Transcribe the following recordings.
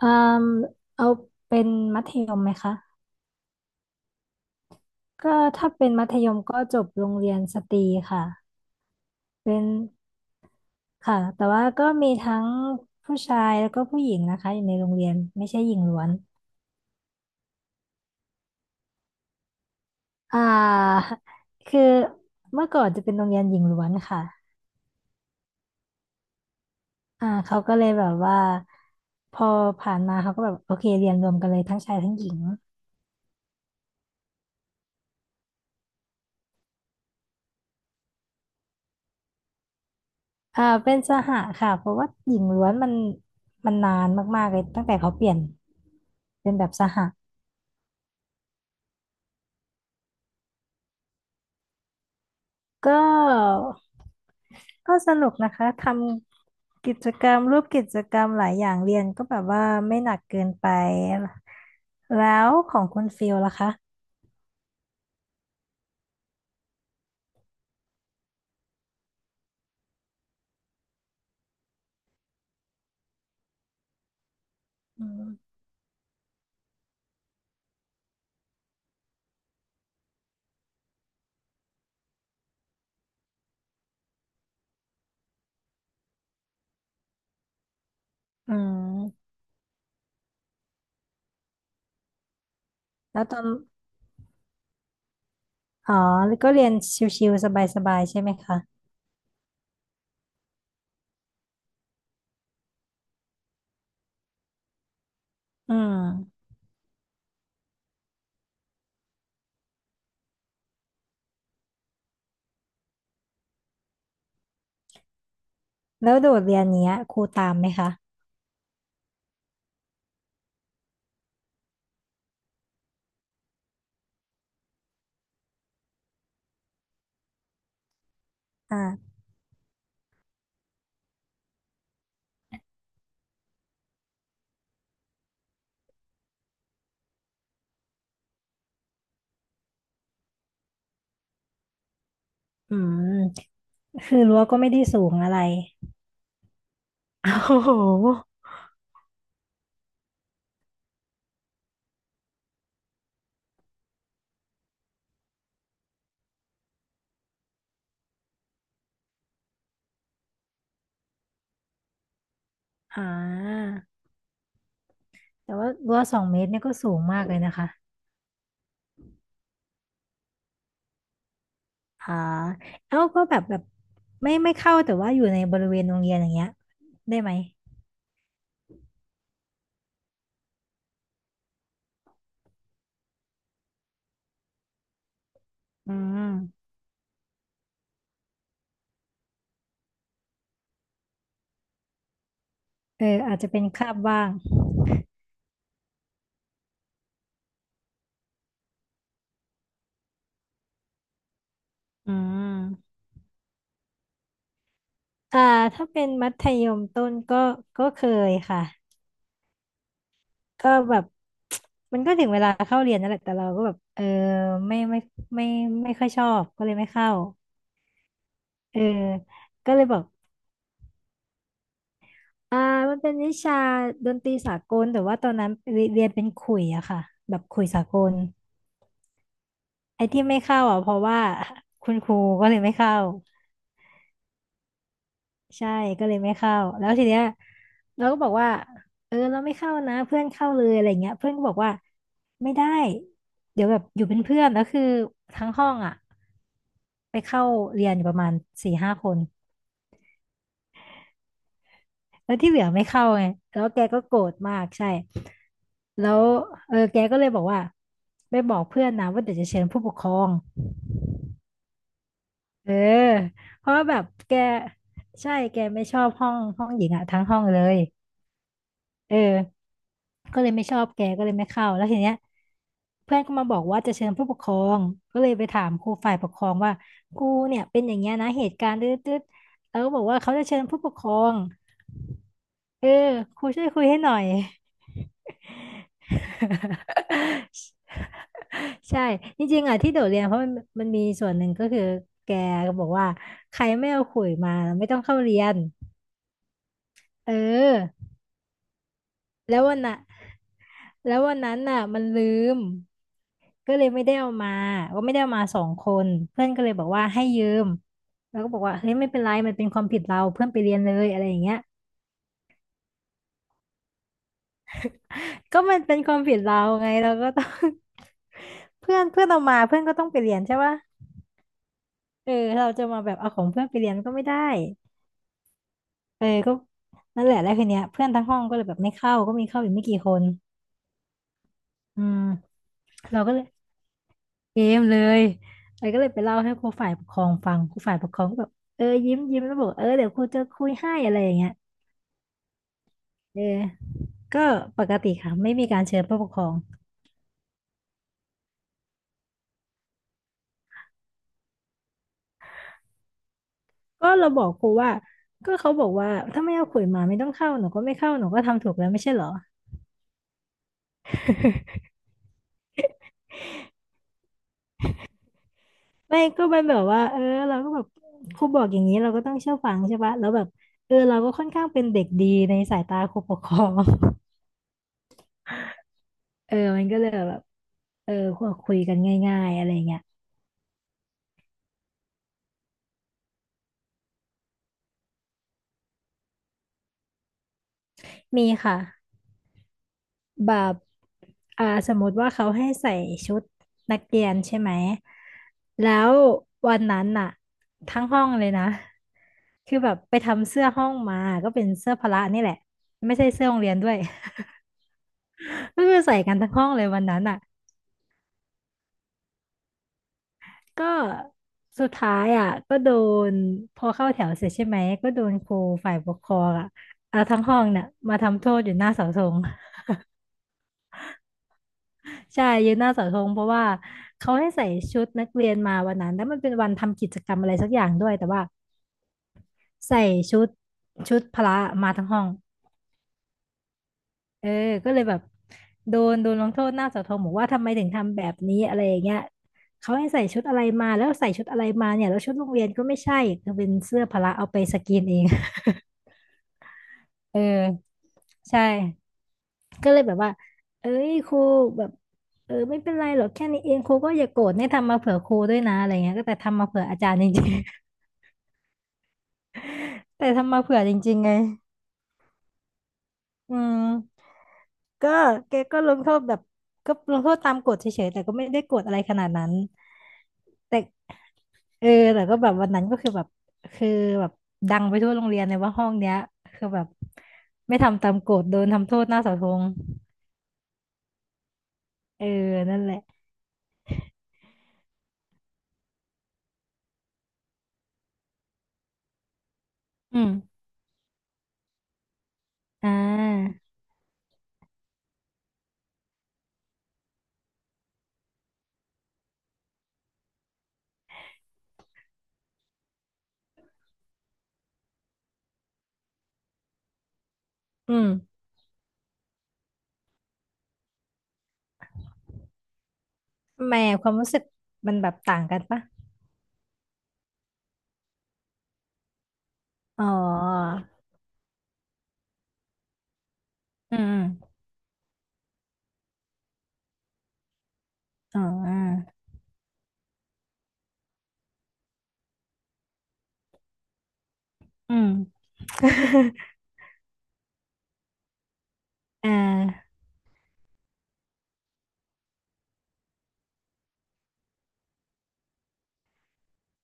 อืมเอาเป็นมัธยมไหมคะก็ถ้าเป็นมัธยมก็จบโรงเรียนสตรีค่ะเป็นค่ะแต่ว่าก็มีทั้งผู้ชายแล้วก็ผู้หญิงนะคะอยู่ในโรงเรียนไม่ใช่หญิงล้วนอ่าคือเมื่อก่อนจะเป็นโรงเรียนหญิงล้วนค่ะอ่าเขาก็เลยแบบว่าพอผ่านมาเขาก็แบบโอเคเรียนรวมกันเลยทั้งชายทั้งหญิง อ่าเป็นสหค่ะเพราะว่าหญิงล้วนมันนานมากๆเลยตั้งแต่เขาเปลี่ยนเป็นแบบสหก็ก็สนุกนะคะทำกิจกรรมรูปกิจกรรมหลายอย่างเรียนก็แบบว่าไม่หนักเกินไปแล้วของคุณฟิลล่ะคะอืมอืมแล้วตอนอ๋อแล้วก็เรียนชิวๆสบายๆใช่ไหมคะอืมแล้วโดดเรียนเนี้ยครูตามไหมคะอ่า อืมคือรั้วก็ไม่ได้สูงอะไรโอ้โหอ่าแต่ว่ารั้วสองเมตรเนี่ยก็สูงมากเลยนะคะอ่าเอ้าก็แบบไม่เข้าแต่ว่าอยู่ในบริเวณโรงเรียนอย่างเงี้ยได้ไหมอืมเอออาจจะเป็นคาบบ้างอืมอ่าถ้าเป็นมัธยมต้นก็ก็เคยค่ะก็แบบ มันก็ถึงเวลาเข้าเรียนนั่นแหละแต่เราก็แบบเออไม่ไม่ไม่ค่อยชอบก็เลยไม่เข้าเออก็เลยบอก อ่ามันเป็นวิชาดนตรีสากลแต่ว่าตอนนั้นเรียนเป็นขลุ่ยอะค่ะแบบขลุ่ยสากลไอ้ที่ไม่เข้าอะเพราะว่าคุณครูก็เลยไม่เข้าใช่ก็เลยไม่เข้าแล้วทีเนี้ยเราก็บอกว่าเออเราไม่เข้านะเพื่อนเข้าเลยอะไรเงี้ยเพื่อนก็บอกว่าไม่ได้เดี๋ยวแบบอยู่เป็นเพื่อนแล้วคือทั้งห้องอะไปเข้าเรียนอยู่ประมาณสี่ห้าคน แล้วที่เหลือไม่เข้าไงแล้วแกก็โกรธมากใช่แล้วเออแกก็เลยบอกว่าไปบอกเพื่อนนะว่าเดี๋ยวจะเชิญผู้ปกครองเออเพราะว่าแบบแกใช่แกไม่ชอบห้องหญิงอะทั้งห้องเลย เออก็เลยไม่ชอบแกก็เลยไม่เข้าแล้วทีเนี้ยเพื่อนก็มาบอกว่าจะเชิญผู้ปกครองก็เลยไปถามครูฝ่ายปกครองว่ากูเนี่ยเป็นอย่างเงี้ยนะเหตุการณ์ตืดๆแล้วก็บอกว่าเขาจะเชิญผู้ปกครองเออครูช่วยคุยให้หน่อย ใช่จริงๆอ่ะที่โดดเรียนเพราะมันมีส่วนหนึ่งก็คือแกก็บอกว่าใครไม่เอาขลุยมาไม่ต้องเข้าเรียนเออแล้ววันน่ะแล้ววันนั้นน่ะมันลืมก็เลยไม่ได้เอามาก็ไม่ได้เอามาสองคนเพื่อนก็เลยบอกว่าให้ยืมแล้วก็บอกว่าเฮ้ยไม่เป็นไรมันเป็นความผิดเราเพื่อนไปเรียนเลยอะไรอย่างเงี้ยก็มันเป็นความผิดเราไงเราก็ต้อง เพื่อนเพื่อนเอามาเพื่อนก็ต้องไปเรียนใช่ปะเออเราจะมาแบบเอาของเพื่อนไปเรียนก็ไม่ได้ เออก็นั่นแหละแล้วคืนเนี้ยเพื่อนทั้งห้องก็เลยแบบไม่เข้าก็มีเข้าอีกไม่กี่คนอืมเราก็เลยเกมเลยไอ้ก็เลยไปเล่าให้ครูฝ่ายปกครองฟังครูฝ่ายปกครองก็แบบเออยิ้มยิ้มแล้วบอกเออเดี๋ยวครูจะคุยให้อะไรอย่างเงี้ยเออก็ปกติค่ะไม่มีการเชิญผู้ปกครองก็เราบอกครูว่าก็เขาบอกว่าถ้าไม่เอาขลุยมาไม่ต้องเข้าหนูก็ไม่เข้าหนูก็ทำถูกแล้วไม่ใช่เหรอ ไม่ก็มันแบบว่าเออเราก็แบบครูบอกอย่างนี้เราก็ต้องเชื่อฟังใช่ปะแล้วแบบเออเราก็ค่อนข้างเป็นเด็กดีในสายตาครูปกครอง เออมันก็เลยแบบเออคุยกันง่ายๆอะไรเงี้ยมีค่ะแบบอ่าสมมติว่าเขาให้ใส่ชุดนักเรียนใช่ไหมแล้ววันนั้นน่ะทั้งห้องเลยนะคือแบบไปทำเสื้อห้องมาก็เป็นเสื้อพละนี่แหละไม่ใช่เสื้อโรงเรียนด้วย ก็คือใส่กันทั้งห้องเลยวันนั้นอ่ะ ก็สุดท้ายอ่ะก็โดนพอเข้าแถวเสร็จใช่ไหมก็โดนครูฝ่ายปกครองอ่ะเอาทั้งห้องเนี่ยมาทำโทษอยู่หน้าเสาธง ใช่ยืนหน้าเสาธงเพราะว่าเขาให้ใส่ชุดนักเรียนมาวันนั้นแล้วมันเป็นวันทำกิจกรรมอะไรสักอย่างด้วยแต่ว่าใส่ชุดชุดพละมาทั้งห้องเออก็เลยแบบโดนลงโทษหน้าเสาธงบอกว่าทำไมถึงทำแบบนี้อะไรอย่างเงี้ยเขาให้ใส่ชุดอะไรมาแล้วใส่ชุดอะไรมาเนี่ยแล้วชุดโรงเรียนก็ไม่ใช่เป็นเสื้อพละเอาไปสกรีนเอง เออใช่ก็เลยแบบว่าเอ้ยครูแบบเออไม่เป็นไรหรอกแค่นี้เองครูก็อย่าโกรธเนี่ยทำมาเผื่อครูด้วยนะอะไรเงี้ยก็แต่ทำมาเผื่ออาจารย์จริงๆ แต่ทำมาเผื่อจริงๆไงอืมก็แกก็ลงโทษแบบก็ลงโทษตามกฎเฉยๆแต่ก็ไม่ได้โกรธอะไรขนาดนั้นแต่เออแต่ก็แบบวันนั้นก็คือแบบคือแบบดังไปทั่วโรงเรียนเลยว่าห้องเนี้ยคือแบบไม่ทำตามกฎโดนทำโทษหน้าเสาธงเออนั่นแหละอืม อ่าอืมแหม่ความรู้สึกมันแบบต่างกันปะอ๋ออืมอมอ๋ออืมอ่า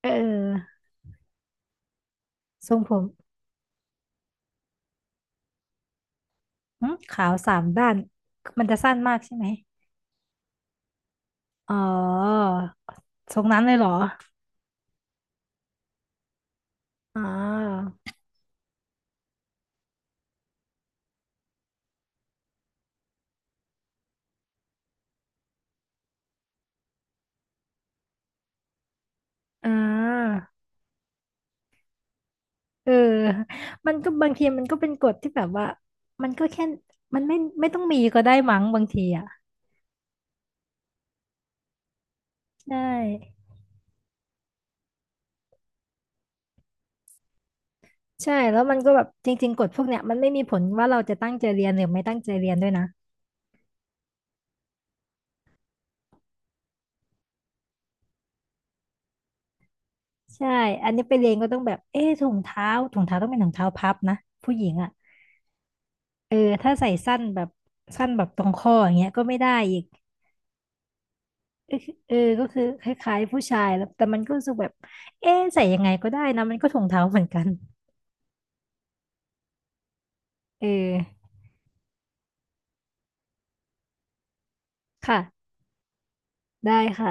เออทรงผมหึขาวสามด้าน มันจะสั้นมากใช่ไหมอ๋อทรงนั้นเลยเหรอ อ๋ออ่าเออมันก็บางทีมันก็เป็นกฎที่แบบว่า มันก็แค่มันไม่ไม่ต้องมีก็ได้มั้งบางทีอ่ะใช่ ใช่แล้วมันก็แบบจริงๆกฎพวกเนี้ยมันไม่มีผลว่าเราจะตั้งใจเรียนหรือไม่ตั้งใจเรียนด้วยนะใช่อันนี้ไปเรียนก็ต้องแบบเอ๊ะถุงเท้าต้องเป็นถุงเท้าพับนะผู้หญิงอ่ะเออถ้าใส่สั้นแบบสั้นแบบตรงข้ออย่างเงี้ยก็ไม่ได้อีกเออก็คือคล้ายๆผู้ชายแล้วแต่มันก็รู้สึกแบบเอ๊ะใส่ยังไงก็ได้นะมันก็ถุงเท้าเหมือนกันเออค่ะได้ค่ะ